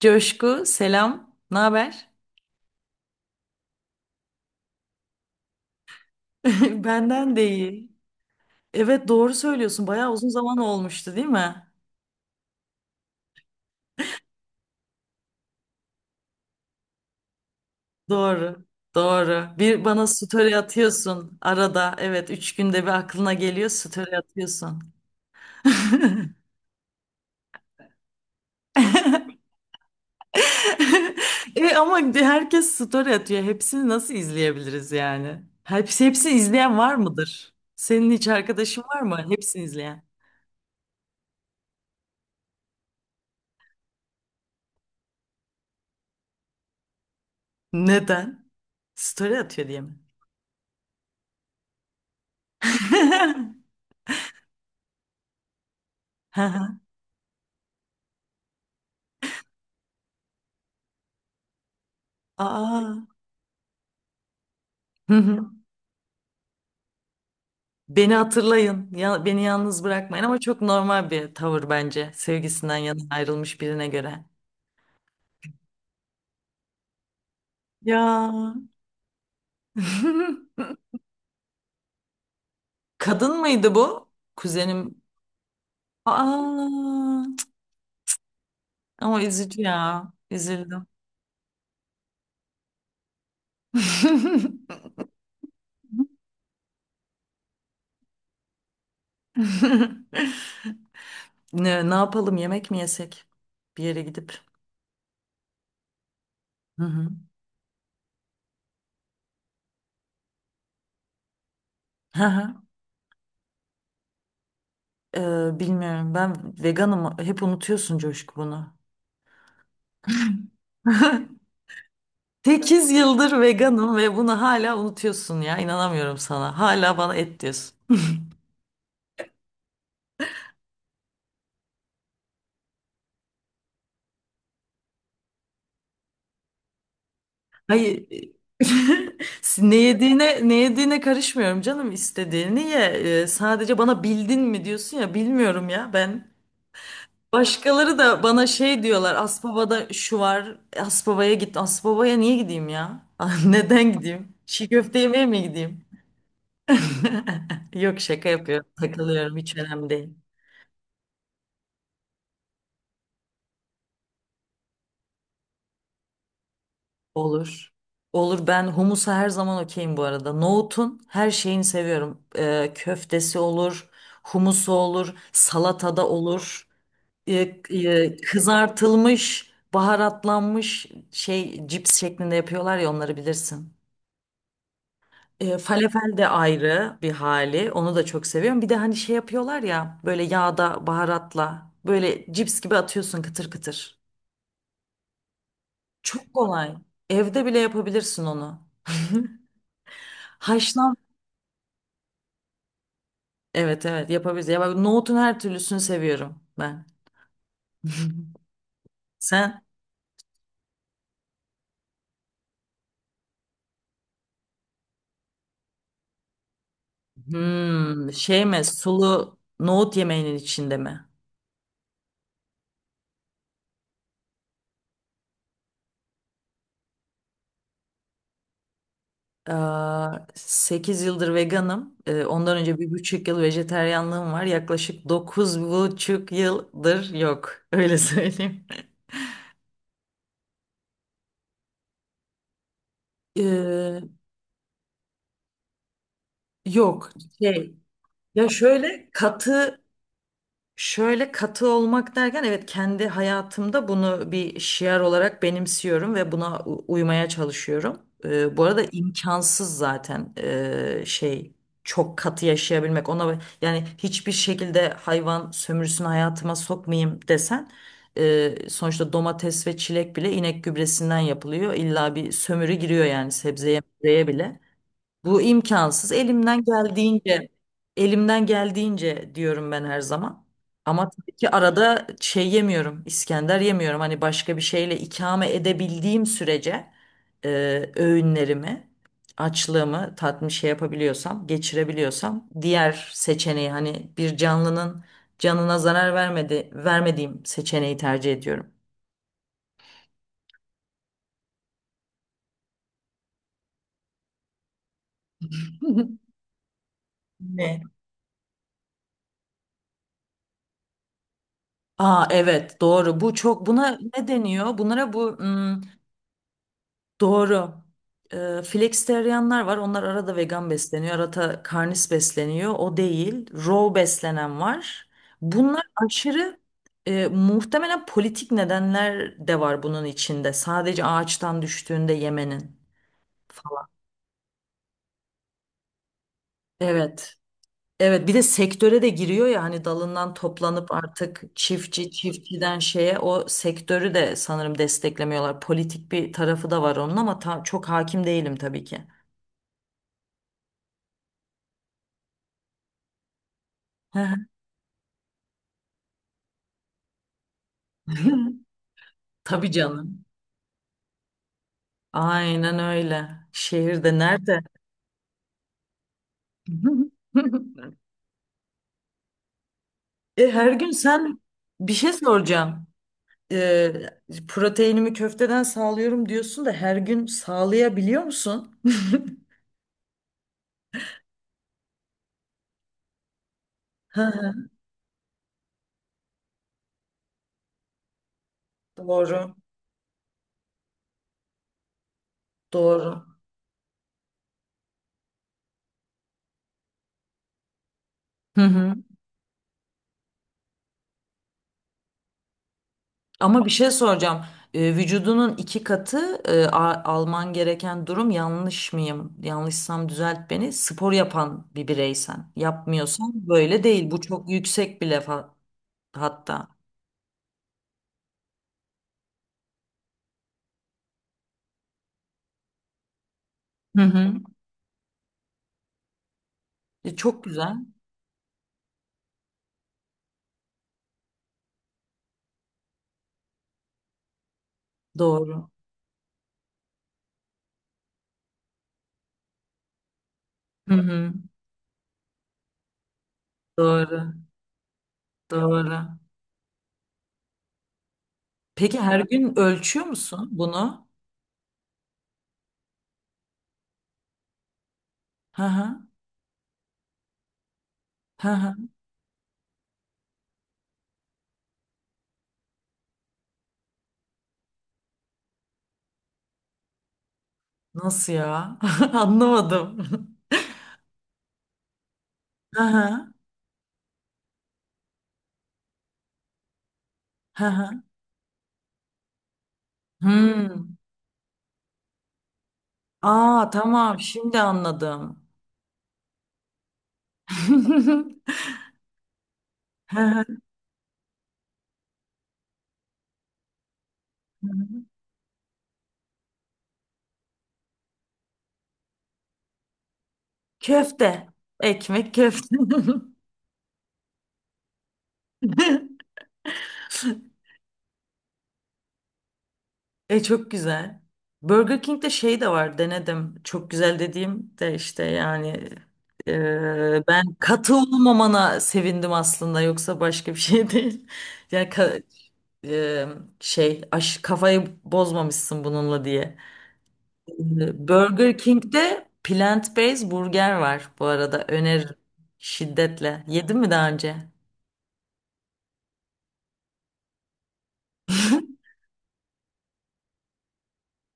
Coşku, selam. Ne haber? Benden de iyi. Evet doğru söylüyorsun. Bayağı uzun zaman olmuştu değil mi? Doğru. Doğru. Bir bana story atıyorsun arada. Evet üç günde bir aklına geliyor story atıyorsun. E ama herkes story atıyor. Hepsini nasıl izleyebiliriz yani? Hepsini izleyen var mıdır? Senin hiç arkadaşın var mı? Hepsini izleyen. Neden? Story atıyor diye mi? Hı hı. Aa. Hı hı. Beni hatırlayın, ya, beni yalnız bırakmayın, ama çok normal bir tavır bence sevgisinden yana ayrılmış birine göre. Ya. Kadın mıydı bu? Kuzenim. Aa, ama üzücü ya. Üzüldüm. Ne yapalım, yemek mi yesek? Bir yere gidip. Hı hı. Hı hı. Bilmiyorum, ben veganım, hep unutuyorsun Coşku bunu. 8 yıldır veganım ve bunu hala unutuyorsun ya. İnanamıyorum sana. Hala bana et diyorsun. Hayır. Ne yediğine karışmıyorum, canım istediğini ye. Sadece bana bildin mi diyorsun ya, bilmiyorum ya ben. Başkaları da bana şey diyorlar. Aspava'da şu var. Aspava'ya git. Aspava'ya niye gideyim ya? Neden gideyim? Çiğ köfte yemeye mi gideyim? Yok, şaka yapıyorum. Takılıyorum, hiç önemli değil. Olur. Olur, ben humusa her zaman okeyim bu arada. Nohutun her şeyini seviyorum. Köftesi olur, humusu olur, salatada olur. Kızartılmış, baharatlanmış şey cips şeklinde yapıyorlar ya, onları bilirsin. Falafel de ayrı bir hali. Onu da çok seviyorum. Bir de hani şey yapıyorlar ya, böyle yağda baharatla böyle cips gibi atıyorsun, kıtır kıtır. Çok kolay. Evde bile yapabilirsin onu. Haşlan Evet evet yapabiliriz. Ya bak, nohutun her türlüsünü seviyorum ben. Sen hmm, şey mi, sulu nohut yemeğinin içinde mi? Aa, 8 yıldır veganım. Ondan önce bir buçuk yıl vejeteryanlığım var. Yaklaşık 9 buçuk yıldır yok. Öyle söyleyeyim. Ee, yok şey ya şöyle katı Şöyle katı olmak derken evet, kendi hayatımda bunu bir şiar olarak benimsiyorum ve buna uymaya çalışıyorum. Bu arada imkansız zaten çok katı yaşayabilmek. Ona yani hiçbir şekilde hayvan sömürüsünü hayatıma sokmayayım desen sonuçta domates ve çilek bile inek gübresinden yapılıyor. İlla bir sömürü giriyor yani, sebzeye meyveye bile. Bu imkansız. Elimden geldiğince, elimden geldiğince diyorum ben her zaman. Ama tabii ki arada şey yemiyorum, İskender yemiyorum. Hani başka bir şeyle ikame edebildiğim sürece öğünlerimi, açlığımı tatmin şey yapabiliyorsam, geçirebiliyorsam, diğer seçeneği, hani bir canlının canına zarar vermediğim seçeneği tercih ediyorum. Ne? Aa evet, doğru. Bu çok, buna ne deniyor? Bunlara bu hmm, Doğru. Flexitarianlar var. Onlar arada vegan besleniyor, arada karnis besleniyor. O değil. Raw beslenen var. Bunlar aşırı muhtemelen politik nedenler de var bunun içinde. Sadece ağaçtan düştüğünde yemenin falan. Evet. Evet, bir de sektöre de giriyor ya, hani dalından toplanıp artık çiftçiden şeye, o sektörü de sanırım desteklemiyorlar. Politik bir tarafı da var onun ama çok hakim değilim tabii ki. Hı hı. Tabii canım. Aynen öyle. Şehirde nerede? E, her gün sen bir şey soracağım. E, proteinimi köfteden sağlıyorum diyorsun da, her gün sağlayabiliyor musun? Hı hı, Doğru, doğru. Hı hı. Ama bir şey soracağım. Vücudunun iki katı alman gereken durum, yanlış mıyım? Yanlışsam düzelt beni. Spor yapan bir bireysen. Yapmıyorsan böyle değil. Bu çok yüksek bile hatta. Hı hı. E, çok güzel. Doğru. Hı hı. Doğru. Doğru. Peki her gün ölçüyor musun bunu? Hı hı. Hı hı. Nasıl ya? Anlamadım. Hı hı. Hı hı. Hmm. Aa tamam, şimdi anladım. Hı hı. Köfte. Ekmek köfte. E çok güzel. Burger King'de şey de var, denedim. Çok güzel dediğim de işte, yani ben katı olmamana sevindim aslında, yoksa başka bir şey değil. Yani ka- e, kafayı bozmamışsın bununla diye. E, Burger King'de plant-based burger var bu arada, öneririm şiddetle. Yedin mi daha önce?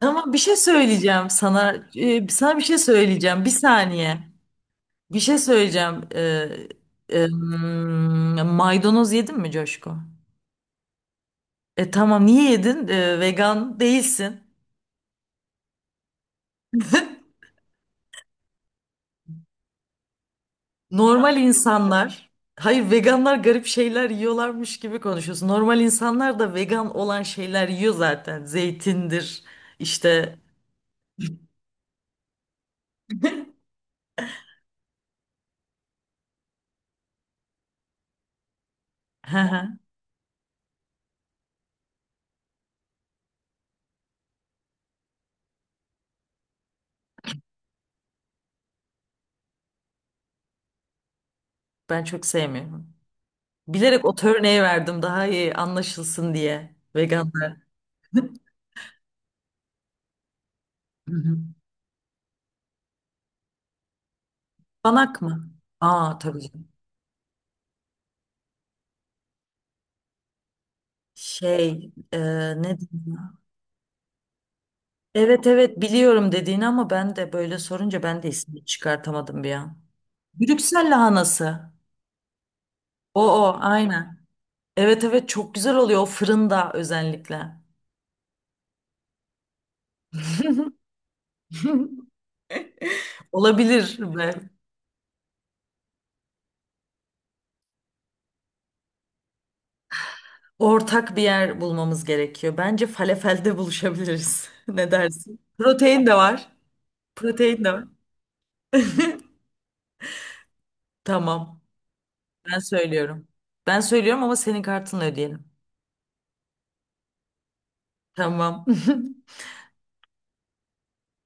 Ama bir şey söyleyeceğim sana. E, sana bir şey söyleyeceğim. Bir saniye. Bir şey söyleyeceğim. Em, Maydanoz yedin mi Coşku? E tamam, niye yedin? E, vegan değilsin. Normal insanlar, hayır, veganlar garip şeyler yiyorlarmış gibi konuşuyorsun. Normal insanlar da vegan olan şeyler yiyor zaten. Zeytindir işte. Hı hı. Ben çok sevmiyorum. Bilerek o örneği verdim daha iyi anlaşılsın diye. Veganlar. Hı hı. Banak mı? Aa tabii canım. Şey e, ne diyeyim? Evet evet, biliyorum dediğini ama ben de böyle sorunca ben de ismini çıkartamadım bir an. Brüksel lahanası. O aynen. Evet evet, çok güzel oluyor o, fırında özellikle. Olabilir be. Ortak bir yer bulmamız gerekiyor. Bence falafelde buluşabiliriz. Ne dersin? Protein de var. Protein de var. Tamam. Ben söylüyorum. Ben söylüyorum ama senin kartınla ödeyelim. Tamam.